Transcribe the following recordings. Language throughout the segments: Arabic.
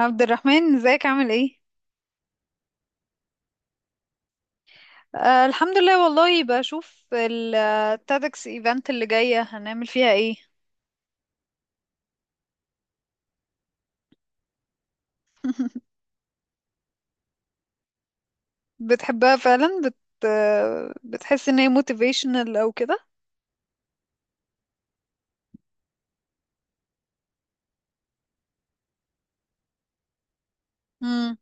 عبد الرحمن، ازيك؟ عامل ايه؟ آه، الحمد لله. والله بشوف التادكس ايفنت اللي جاية هنعمل فيها ايه؟ بتحبها فعلا؟ آه، بتحس ان هي موتيفيشنال او كده؟ امم.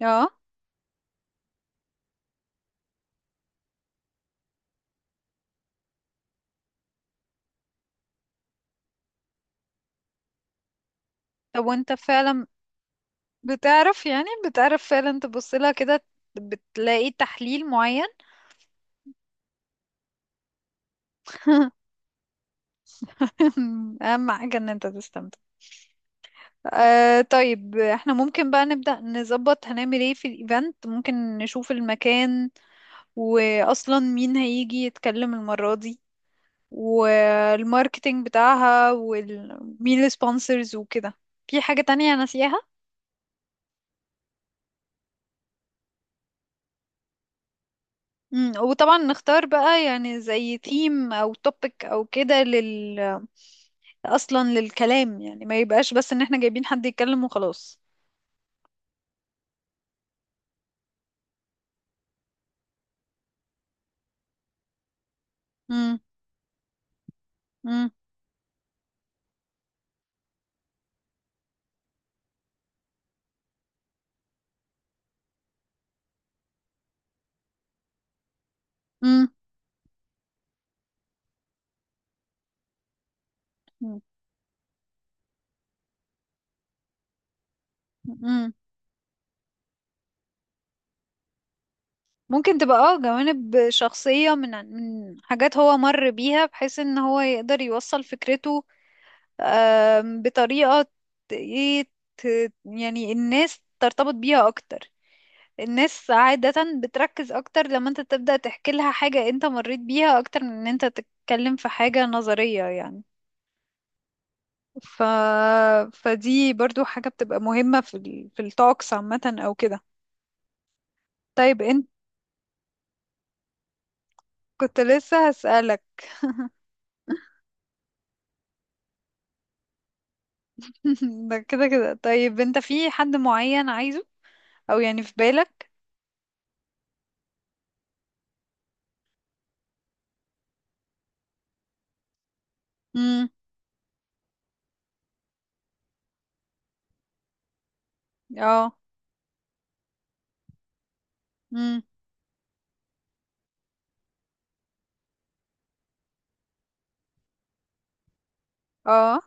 اه، طب وانت فعلا بتعرف، يعني بتعرف فعلا تبص لها كده؟ بتلاقي تحليل معين؟ اهم حاجة ان انت تستمتع. آه، طيب احنا ممكن بقى نبدأ نظبط هنعمل ايه في الايفنت. ممكن نشوف المكان، واصلا مين هيجي يتكلم المرة دي، والماركتينج بتاعها، ومين السبونسرز وكده. في حاجة تانية ناسياها؟ مم، وطبعا نختار بقى يعني زي ثيم او توبيك او كده اصلا للكلام، يعني ما يبقاش بس ان احنا جايبين حد يتكلم وخلاص. مم، مم، مم، مم، مم. ممكن تبقى اه جوانب شخصية من حاجات هو مر بيها، بحيث ان هو يقدر يوصل فكرته. بطريقة ايه، يعني الناس ترتبط بيها اكتر. الناس عادة بتركز اكتر لما انت تبدأ تحكي لها حاجة انت مريت بيها، اكتر من ان انت تتكلم في حاجة نظرية يعني. ف... فدي برضو حاجة بتبقى مهمة في التوكس عامة او كده. طيب انت كنت لسه هسألك. ده كده كده، طيب انت في حد معين عايزه؟ او يعني في بالك؟ امم. اه. امم. اه.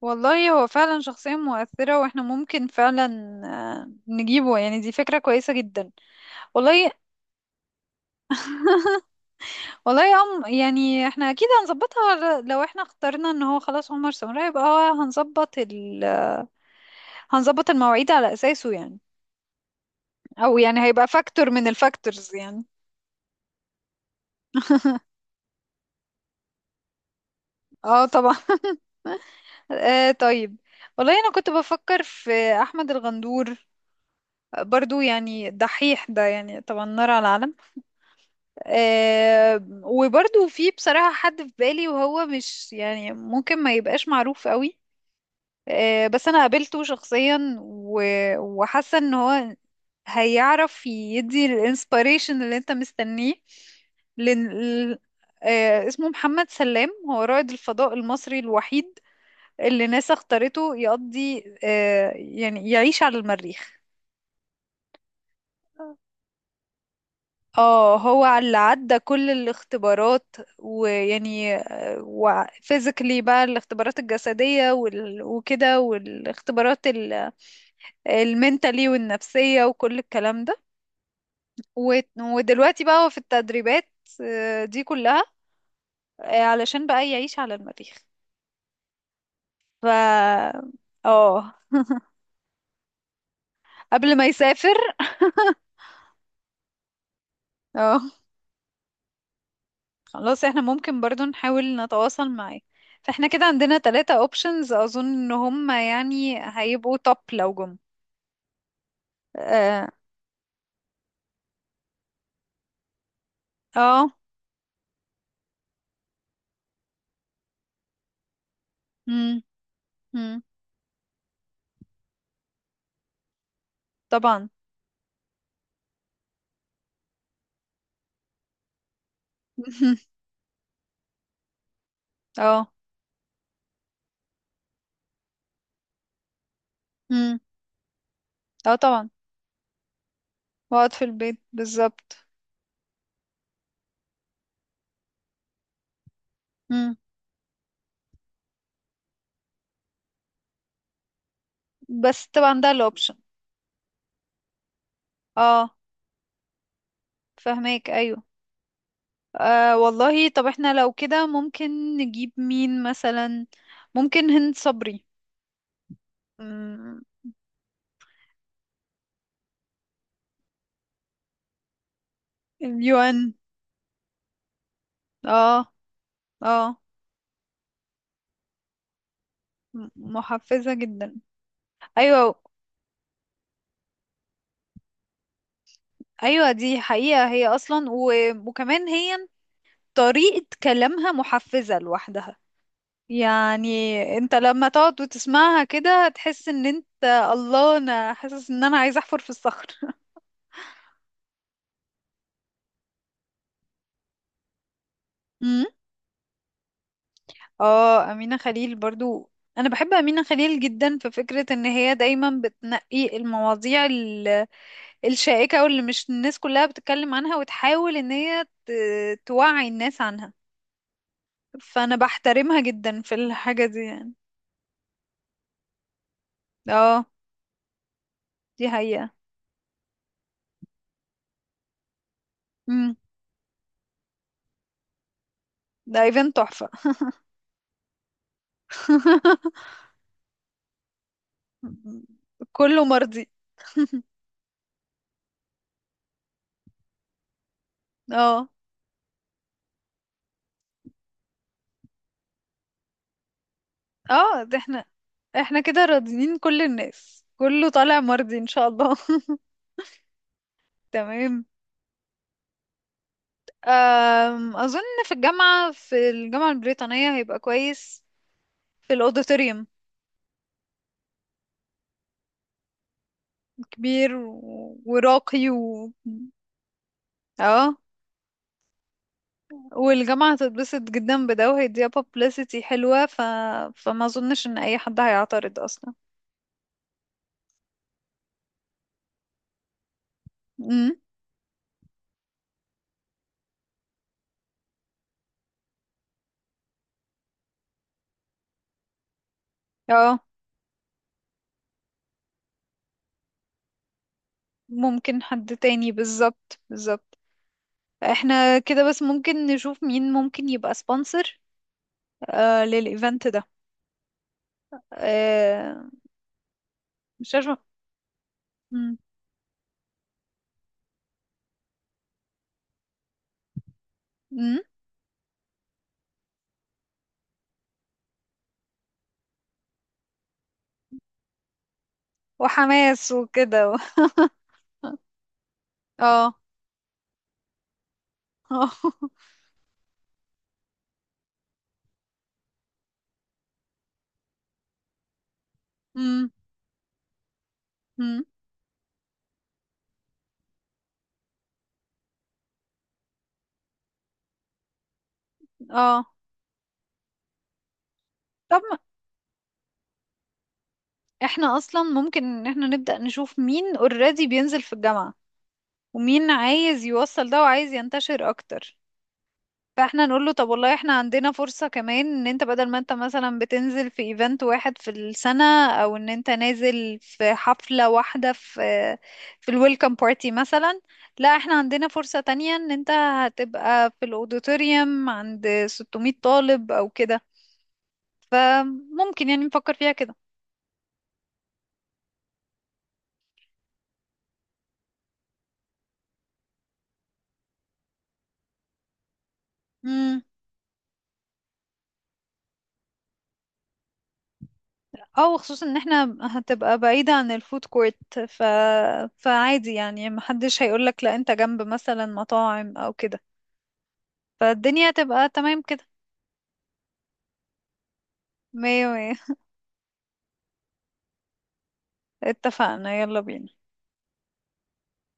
والله هو فعلا شخصية مؤثرة، واحنا ممكن فعلا نجيبه. يعني دي فكرة كويسة جدا. والله، والله يا أم، يعني احنا اكيد هنظبطها. لو احنا اخترنا ان هو خلاص عمر سمرة يبقى هو هنظبط المواعيد على اساسه يعني. او يعني هيبقى فاكتور من الفاكتورز يعني. اه، طبعا. آه، طيب. والله انا كنت بفكر في احمد الغندور، برضو يعني دحيح ده، يعني طبعا نار على العالم. آه، وبرضو في بصراحة حد في بالي، وهو مش يعني ممكن ما يبقاش معروف قوي. آه، بس أنا قابلته شخصيا و- وحاسة إن هو هيعرف يدي الانسبيريشن اللي انت مستنيه. لن... ال- آه، اسمه محمد سلام، هو رائد الفضاء المصري الوحيد اللي ناسا اختارته يقضي يعني يعيش على المريخ. اه، هو اللي عدى كل الاختبارات ويعني، وفيزيكلي بقى الاختبارات الجسدية وكده، والاختبارات المنتالي والنفسية وكل الكلام ده. و- ودلوقتي بقى هو في التدريبات. آه، دي كلها. آه، علشان بقى يعيش على المريخ. ف اه. قبل ما يسافر. اه، خلاص، احنا ممكن برضو نحاول نتواصل معاه. فاحنا كده عندنا ثلاثة اوبشنز، اظن ان هم يعني هيبقوا توب لو جم. اه. اه. مم، مم، طبعا. اه. مم، اه، طبعا، واقعد في البيت بالظبط. مم، بس طبعا ده الاوبشن. اه، فهماك، ايوه. آه، والله طب احنا لو كده ممكن نجيب مين مثلا. ممكن هند صبري. مم، اليوان. اه. اه. محفزة جدا. ايوه، ايوه، دي حقيقة هي اصلا و... وكمان هي طريقة كلامها محفزة لوحدها يعني. انت لما تقعد وتسمعها كده تحس ان انت، الله، انا حاسس ان انا عايزة احفر في الصخر. أمم. اه، امينة خليل برضو. انا بحب امينة خليل جدا في فكرة ان هي دايما بتنقي المواضيع الشائكة، واللي مش الناس كلها بتتكلم عنها، وتحاول ان هي توعي الناس عنها. فانا بحترمها جدا في الحاجة دي يعني. اه، دي حقيقة. امم. ده ايفنت تحفة. كله مرضي. اه. اه. ده احنا كده راضيين، كل الناس كله طالع مرضي ان شاء الله. تمام. اظن في الجامعة البريطانية هيبقى كويس، في الاوديتوريوم. كبير و- وراقي. و... اه، والجامعة هتتبسط جدا بده، وهيديها publicity حلوة. ف... فما اظنش ان اي حد هيعترض اصلا. امم. اه، ممكن حد تاني، بالظبط، بالظبط. احنا كده بس ممكن نشوف مين ممكن يبقى سبونسر للايفنت ده. آه. مش عارفة. مم. مم. وحماس وكده اه. اه. مم. مم. اه، طب ما احنا اصلا ممكن ان احنا نبدأ نشوف مين اوريدي بينزل في الجامعة، ومين عايز يوصل ده وعايز ينتشر اكتر. فاحنا نقول له، طب والله احنا عندنا فرصة كمان، ان انت بدل ما انت مثلا بتنزل في ايفنت واحد في السنة، او ان انت نازل في حفلة واحدة في الويلكم بارتي مثلا. لا، احنا عندنا فرصة تانية، ان انت هتبقى في الاوديتوريوم عند 600 طالب او كده. فممكن يعني نفكر فيها كده. امم، او خصوصا ان احنا هتبقى بعيدة عن الفود كورت. ف... فعادي يعني محدش هيقولك لا انت جنب مثلا مطاعم او كده. فالدنيا هتبقى تمام كده. مية مية، اتفقنا، يلا بينا.